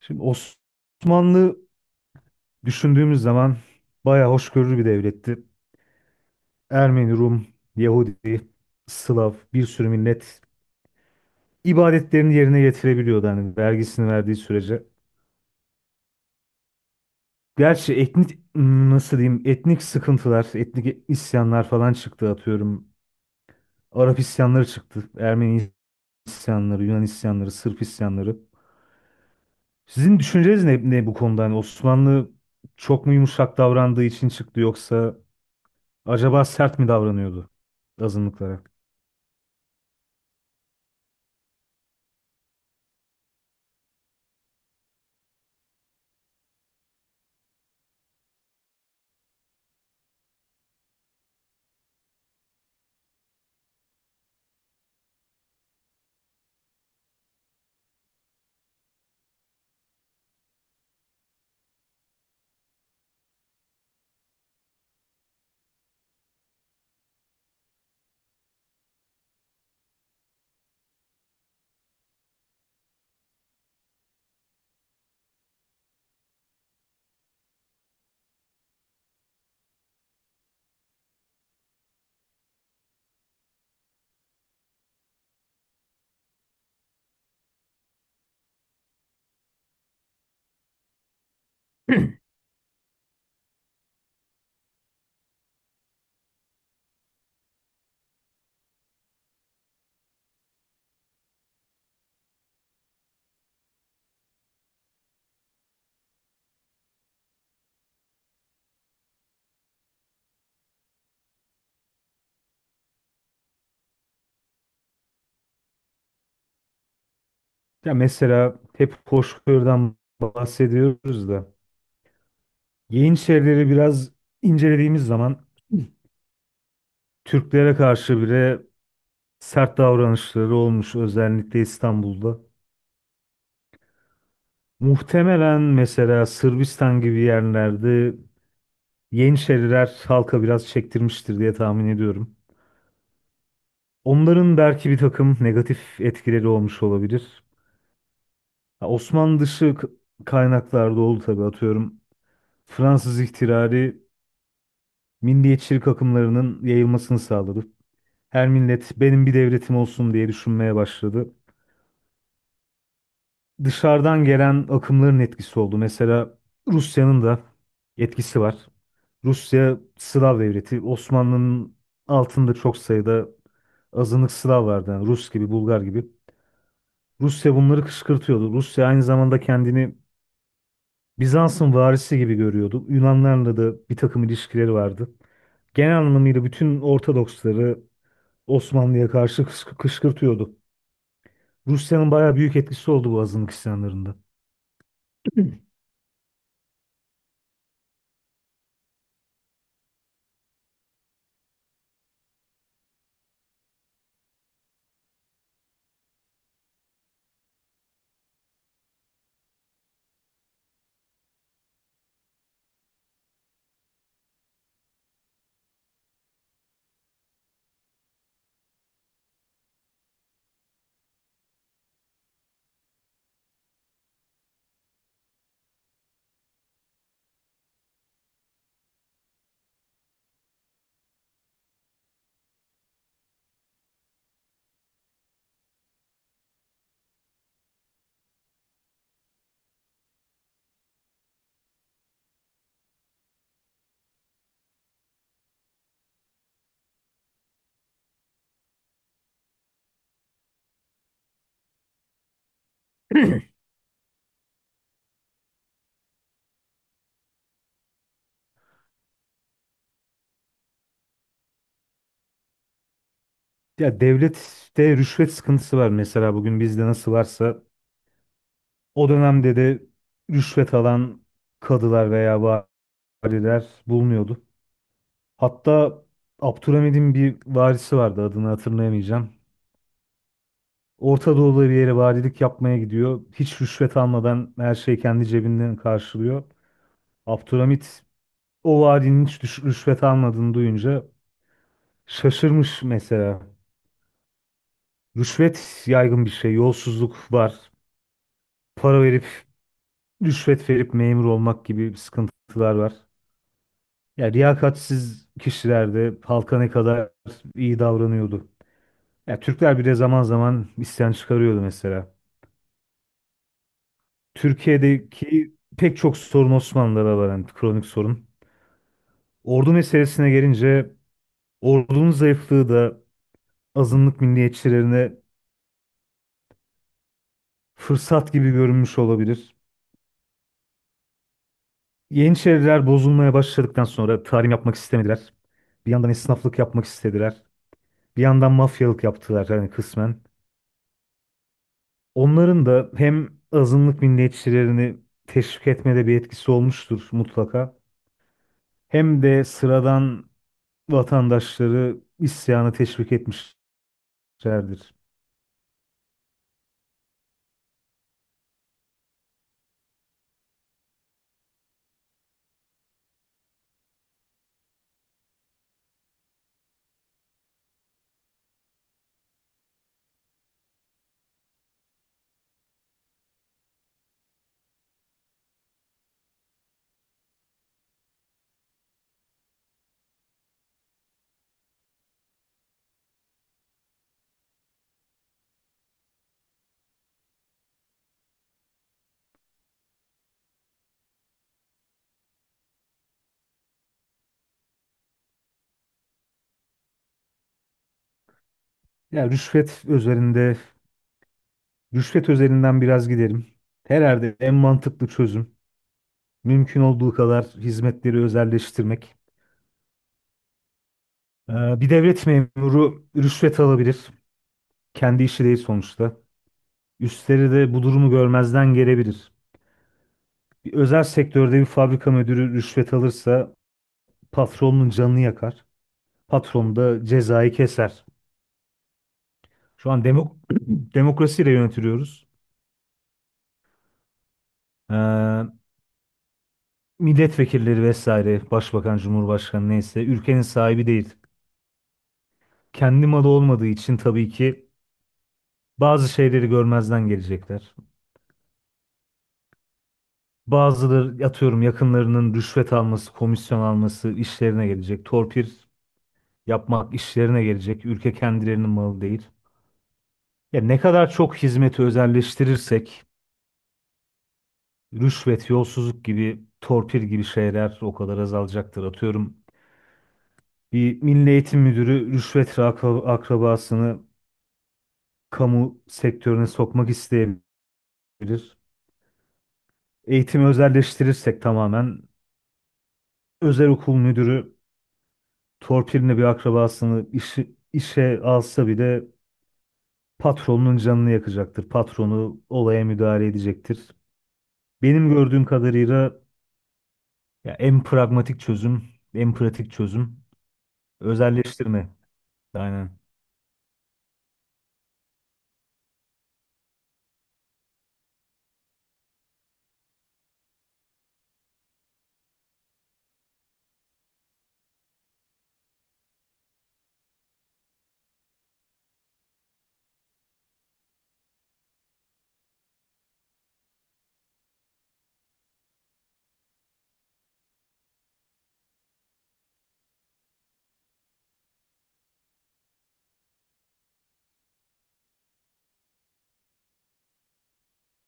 Şimdi Osmanlı düşündüğümüz zaman bayağı hoşgörülü bir devletti. Ermeni, Rum, Yahudi, Slav bir sürü millet ibadetlerini yerine getirebiliyordu hani vergisini verdiği sürece. Gerçi etnik nasıl diyeyim etnik sıkıntılar, etnik isyanlar falan çıktı atıyorum. Arap isyanları çıktı, Ermeni isyanları, Yunan isyanları, Sırp isyanları. Sizin düşünceniz ne bu konuda? Hani Osmanlı çok mu yumuşak davrandığı için çıktı yoksa acaba sert mi davranıyordu azınlıklara? Ya mesela hep hoşgörüden bahsediyoruz da Yeniçerileri biraz incelediğimiz zaman Türklere karşı bile sert davranışları olmuş, özellikle İstanbul'da. Muhtemelen mesela Sırbistan gibi yerlerde Yeniçeriler halka biraz çektirmiştir diye tahmin ediyorum. Onların belki bir takım negatif etkileri olmuş olabilir. Ha, Osmanlı dışı kaynaklarda oldu tabii atıyorum. Fransız ihtilali milliyetçilik akımlarının yayılmasını sağladı. Her millet benim bir devletim olsun diye düşünmeye başladı. Dışarıdan gelen akımların etkisi oldu. Mesela Rusya'nın da etkisi var. Rusya Slav devleti. Osmanlı'nın altında çok sayıda azınlık Slav vardı. Yani Rus gibi, Bulgar gibi. Rusya bunları kışkırtıyordu. Rusya aynı zamanda kendini Bizans'ın varisi gibi görüyordu. Yunanlarla da bir takım ilişkileri vardı, genel anlamıyla bütün Ortodoksları Osmanlı'ya karşı kışkırtıyordu. Rusya'nın bayağı büyük etkisi oldu bu azınlık isyanlarında. Ya devlette rüşvet sıkıntısı var, mesela bugün bizde nasıl varsa o dönemde de rüşvet alan kadılar veya valiler bulunuyordu. Hatta Abdülhamid'in bir varisi vardı, adını hatırlayamayacağım. Orta Doğu'da bir yere valilik yapmaya gidiyor. Hiç rüşvet almadan her şeyi kendi cebinden karşılıyor. Abdülhamid o valinin hiç rüşvet almadığını duyunca şaşırmış mesela. Rüşvet yaygın bir şey. Yolsuzluk var. Para verip, rüşvet verip memur olmak gibi sıkıntılar var. Ya riyakatsiz kişiler de halka ne kadar iyi davranıyordu. Ya Türkler bile zaman zaman isyan çıkarıyordu mesela. Türkiye'deki pek çok sorun Osmanlı'da var, yani kronik sorun. Ordu meselesine gelince ordunun zayıflığı da azınlık milliyetçilerine fırsat gibi görünmüş olabilir. Yeniçeriler bozulmaya başladıktan sonra tarım yapmak istemediler. Bir yandan esnaflık yapmak istediler. Bir yandan mafyalık yaptılar, yani kısmen. Onların da hem azınlık milliyetçilerini teşvik etmede bir etkisi olmuştur mutlaka. Hem de sıradan vatandaşları isyana teşvik etmişlerdir. Ya rüşvet üzerinde, rüşvet özelinden biraz gidelim. Herhalde en mantıklı çözüm mümkün olduğu kadar hizmetleri özelleştirmek. Bir devlet memuru rüşvet alabilir. Kendi işi değil sonuçta. Üstleri de bu durumu görmezden gelebilir. Bir özel sektörde bir fabrika müdürü rüşvet alırsa patronun canını yakar. Patron da cezayı keser. Şu an demokrasiyle yönetiliyoruz. Ee, Milletvekilleri vesaire, başbakan, cumhurbaşkanı neyse ülkenin sahibi değil. Kendi malı olmadığı için tabii ki bazı şeyleri görmezden gelecekler. Bazıları atıyorum yakınlarının rüşvet alması, komisyon alması işlerine gelecek. Torpil yapmak işlerine gelecek. Ülke kendilerinin malı değil. Ya ne kadar çok hizmeti özelleştirirsek rüşvet, yolsuzluk gibi, torpil gibi şeyler o kadar azalacaktır. Atıyorum bir Milli Eğitim Müdürü rüşvet akrabasını kamu sektörüne sokmak isteyebilir. Eğitimi özelleştirirsek tamamen özel okul müdürü torpiline bir akrabasını işe alsa bile patronun canını yakacaktır. Patronu olaya müdahale edecektir. Benim gördüğüm kadarıyla ya en pragmatik çözüm, en pratik çözüm özelleştirme. Aynen.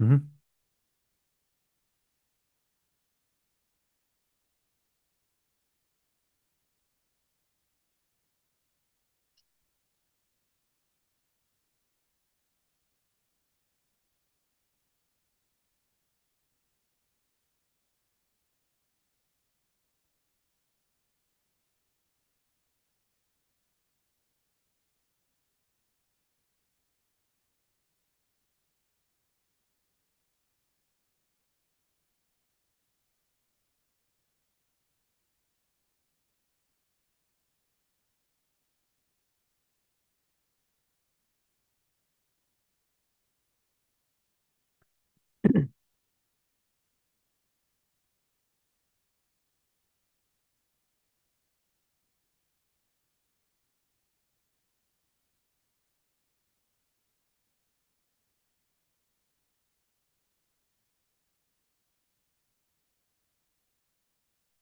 Hı-hı.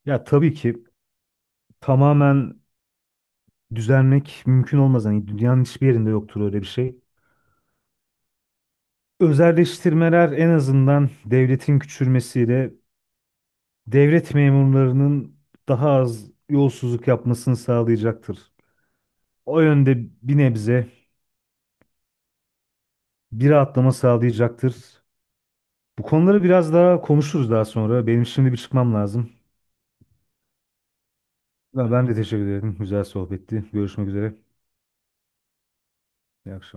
Ya tabii ki tamamen düzelmek mümkün olmaz. Hani dünyanın hiçbir yerinde yoktur öyle bir şey. Özelleştirmeler en azından devletin küçülmesiyle devlet memurlarının daha az yolsuzluk yapmasını sağlayacaktır. O yönde bir nebze bir rahatlama sağlayacaktır. Bu konuları biraz daha konuşuruz daha sonra. Benim şimdi bir çıkmam lazım. Ben de teşekkür ederim. Güzel sohbetti. Görüşmek üzere. İyi akşamlar.